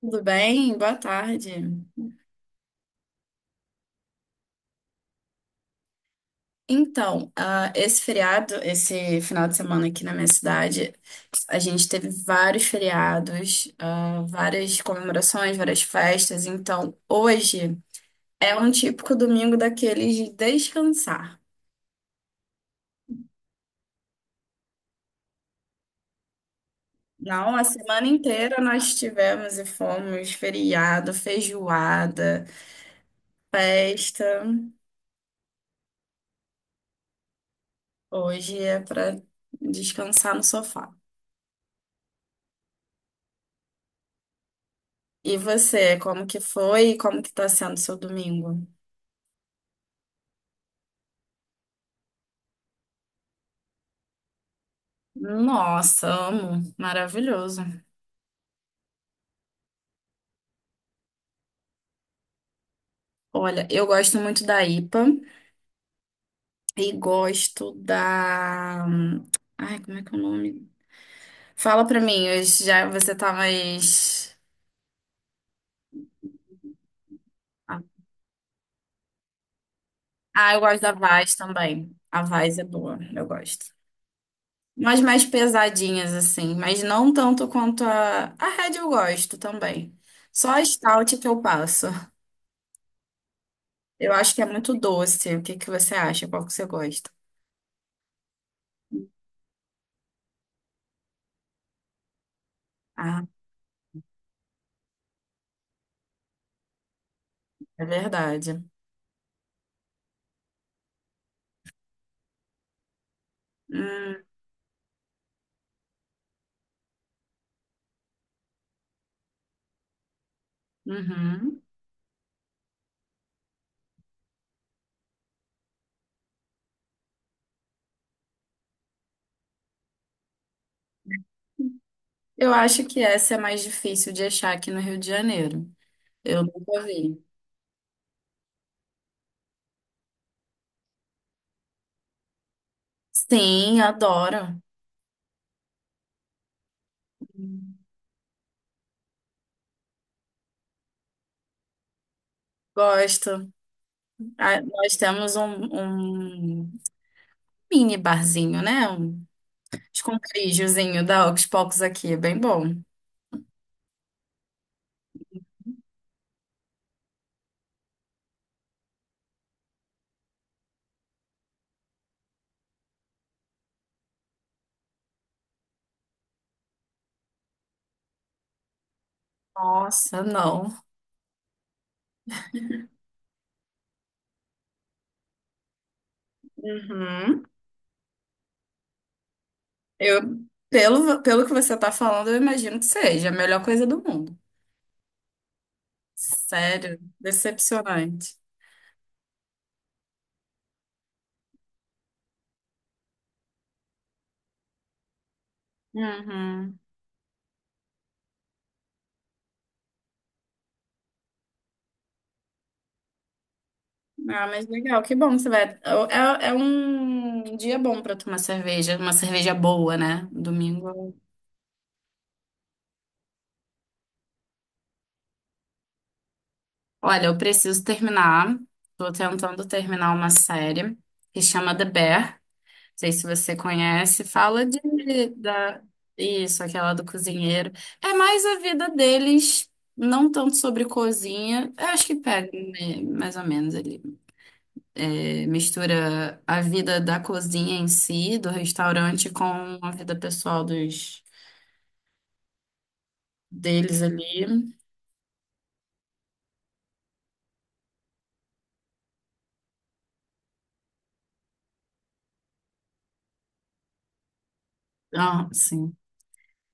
Tudo bem? Boa tarde. Então, esse feriado, esse final de semana aqui na minha cidade, a gente teve vários feriados, várias comemorações, várias festas. Então, hoje é um típico domingo daqueles de descansar. Não, a semana inteira nós tivemos e fomos feriado, feijoada, festa. Hoje é para descansar no sofá. E você, como que foi e como que tá sendo seu domingo? Nossa, amo. Maravilhoso. Olha, eu gosto muito da IPA e gosto da. Ai, como é que é o nome? Fala pra mim, eu já você tá mais. Ah, eu gosto da Vaz também. A Vaz é boa, eu gosto. Mas mais pesadinhas, assim. Mas não tanto quanto a. A Red eu gosto também. Só a Stout que eu passo. Eu acho que é muito doce. O que que você acha? Qual que você gosta? Ah, é verdade. Hum, uhum. Eu acho que essa é mais difícil de achar aqui no Rio de Janeiro. Eu nunca vi. Sim, adoro. Gosto. Ah, nós temos um mini barzinho, né? Um esconderijozinho da Ox Pocos aqui, é bem bom. Nossa, não. Uhum. Eu, pelo que você tá falando, eu imagino que seja a melhor coisa do mundo. Sério, decepcionante. Uhum. Ah, mas legal, que bom que você vai. É um dia bom pra tomar cerveja, uma cerveja boa, né? Domingo. Olha, eu preciso terminar. Tô tentando terminar uma série que chama The Bear. Não sei se você conhece. Fala de da isso, aquela do cozinheiro. É mais a vida deles, não tanto sobre cozinha. Eu acho que pega né, mais ou menos ali. É, mistura a vida da cozinha em si, do restaurante, com a vida pessoal deles ali. Ah, sim.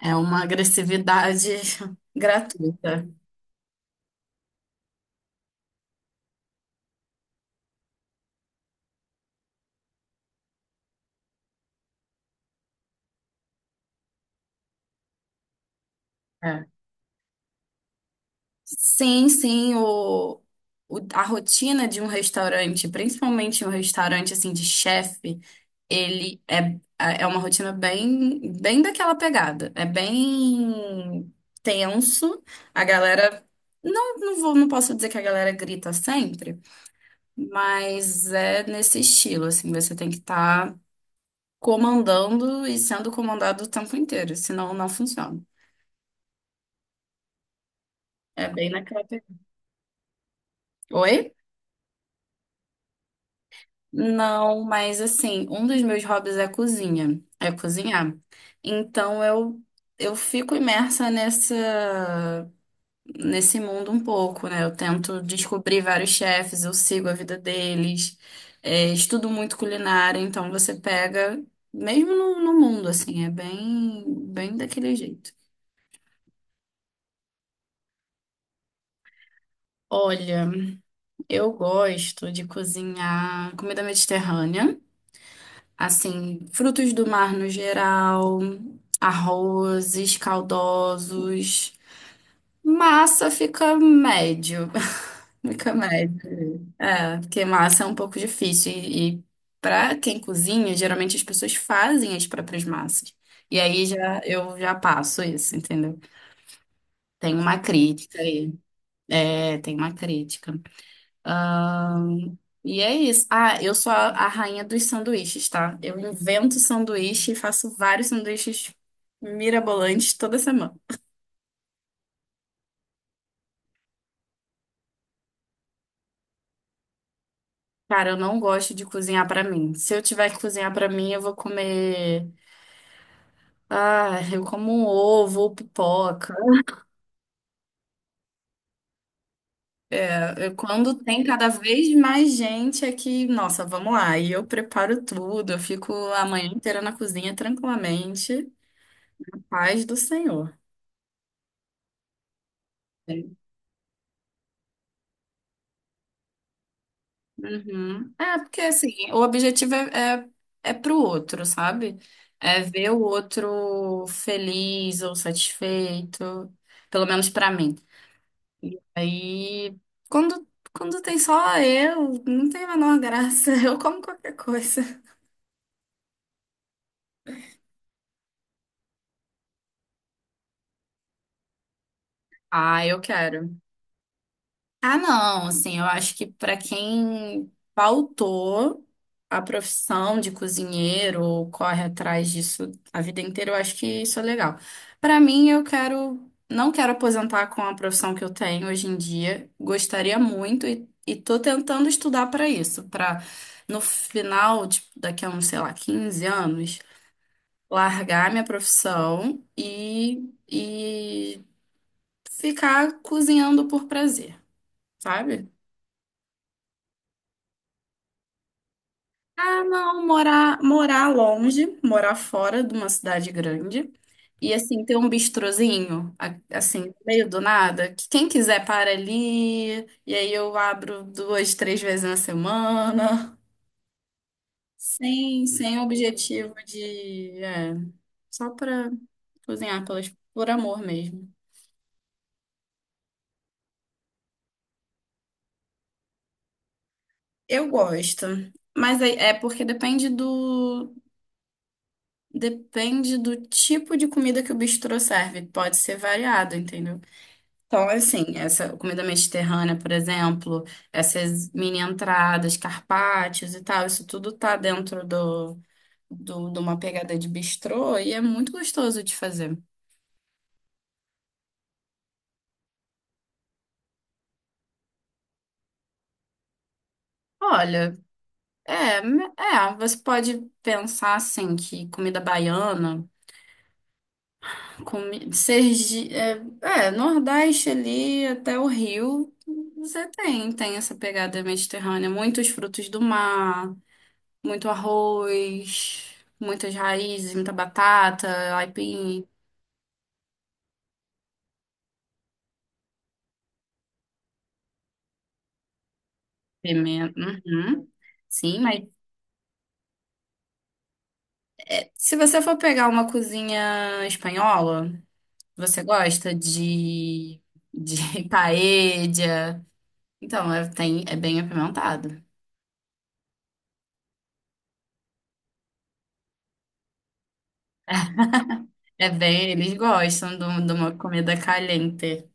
É uma agressividade gratuita. É. Sim, sim, a rotina de um restaurante, principalmente um restaurante assim de chefe, ele é uma rotina bem, bem daquela pegada. É bem tenso. A galera, não, não vou, não posso dizer que a galera grita sempre, mas é nesse estilo, assim, você tem que estar comandando e sendo comandado o tempo inteiro, senão não funciona. É bem naquela pegada. Oi? Não, mas assim, um dos meus hobbies é cozinhar. Então eu fico imersa nessa nesse mundo um pouco, né? Eu tento descobrir vários chefes, eu sigo a vida deles, estudo muito culinária, então você pega mesmo no mundo assim, é bem bem daquele jeito. Olha, eu gosto de cozinhar comida mediterrânea. Assim, frutos do mar no geral, arrozes caldosos. Massa fica médio. Fica médio. É, porque massa é um pouco difícil. E para quem cozinha, geralmente as pessoas fazem as próprias massas. E aí já eu já passo isso, entendeu? Tem uma crítica aí. É, tem uma crítica. Ah, e é isso. Ah, eu sou a rainha dos sanduíches, tá? Eu invento sanduíche e faço vários sanduíches mirabolantes toda semana. Cara, eu não gosto de cozinhar pra mim. Se eu tiver que cozinhar pra mim, eu vou comer. Ah, eu como um ovo ou pipoca. Quando tem cada vez mais gente é que, nossa, vamos lá. E eu preparo tudo, eu fico a manhã inteira na cozinha tranquilamente. Paz do Senhor. Uhum. É, porque assim, o objetivo é pro outro, sabe? É ver o outro feliz ou satisfeito, pelo menos pra mim. Aí, quando, quando tem só eu, não tem a menor graça, eu como qualquer coisa. Ah, eu quero. Ah, não, assim, eu acho que para quem pautou a profissão de cozinheiro ou corre atrás disso a vida inteira, eu acho que isso é legal. Para mim, não quero aposentar com a profissão que eu tenho hoje em dia. Gostaria muito e tô tentando estudar para isso, para no final, tipo, daqui a uns, sei lá, 15 anos, largar minha profissão e ficar cozinhando por prazer, sabe? Ah, não, morar longe, morar fora de uma cidade grande. E assim, ter um bistrozinho, assim, no meio do nada, que quem quiser para ali, e aí eu abro duas, três vezes na semana, sem objetivo de, só para cozinhar por amor mesmo. Eu gosto, mas é porque depende do tipo de comida que o bistrô serve, pode ser variado, entendeu? Então, assim, essa comida mediterrânea, por exemplo, essas mini entradas, carpaccios e tal, isso tudo tá dentro de uma pegada de bistrô e é muito gostoso de fazer. Olha, você pode pensar assim que comida baiana, comi Sergi, Nordeste ali até o Rio, você tem essa pegada mediterrânea, muitos frutos do mar. Muito arroz, muitas raízes, muita batata, aipim, pimenta. Uhum. Sim, mas se você for pegar uma cozinha espanhola, você gosta de paella? Então, é bem apimentado. É bem, eles gostam de uma comida caliente.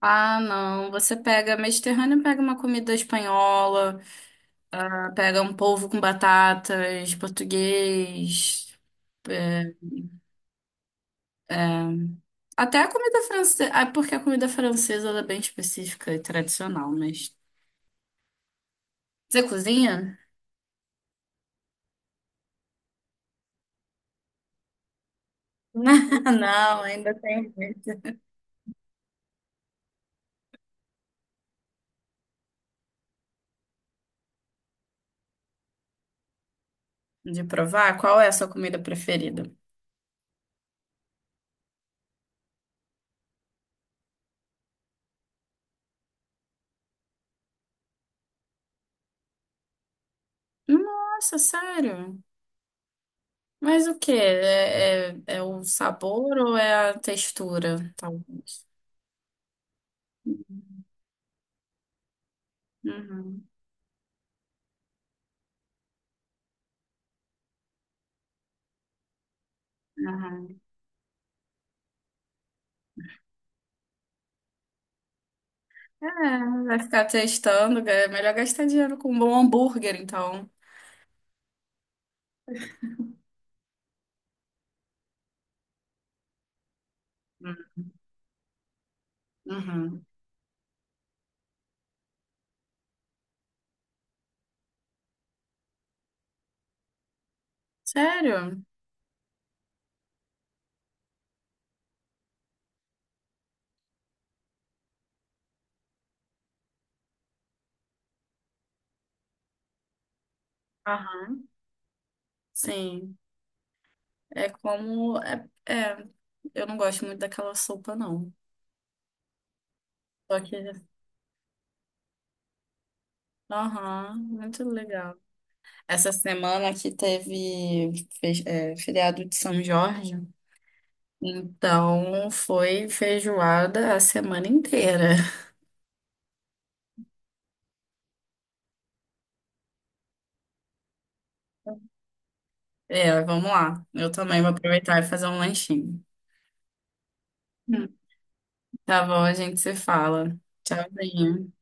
Ah, não. Você pega mediterrâneo, pega uma comida espanhola, pega um polvo com batatas, português. é, Até a comida francesa. Ah, porque a comida francesa ela é bem específica e tradicional, mas. Você cozinha? Não, ainda tem. De provar? Qual é a sua comida preferida? Nossa, sério? Mas o quê? É o sabor ou é a textura, talvez? Uhum, uhum. É, vai ficar testando. É melhor gastar dinheiro com um bom hambúrguer, então. Uhum. Sério? Aham. Sim. É como. Eu não gosto muito daquela sopa, não. Só que. Aham, muito legal. Essa semana aqui teve feriado de São Jorge. Então foi feijoada a semana inteira. É, vamos lá. Eu também vou aproveitar e fazer um lanchinho. Hum. Tá bom, a gente se fala. Tchauzinho.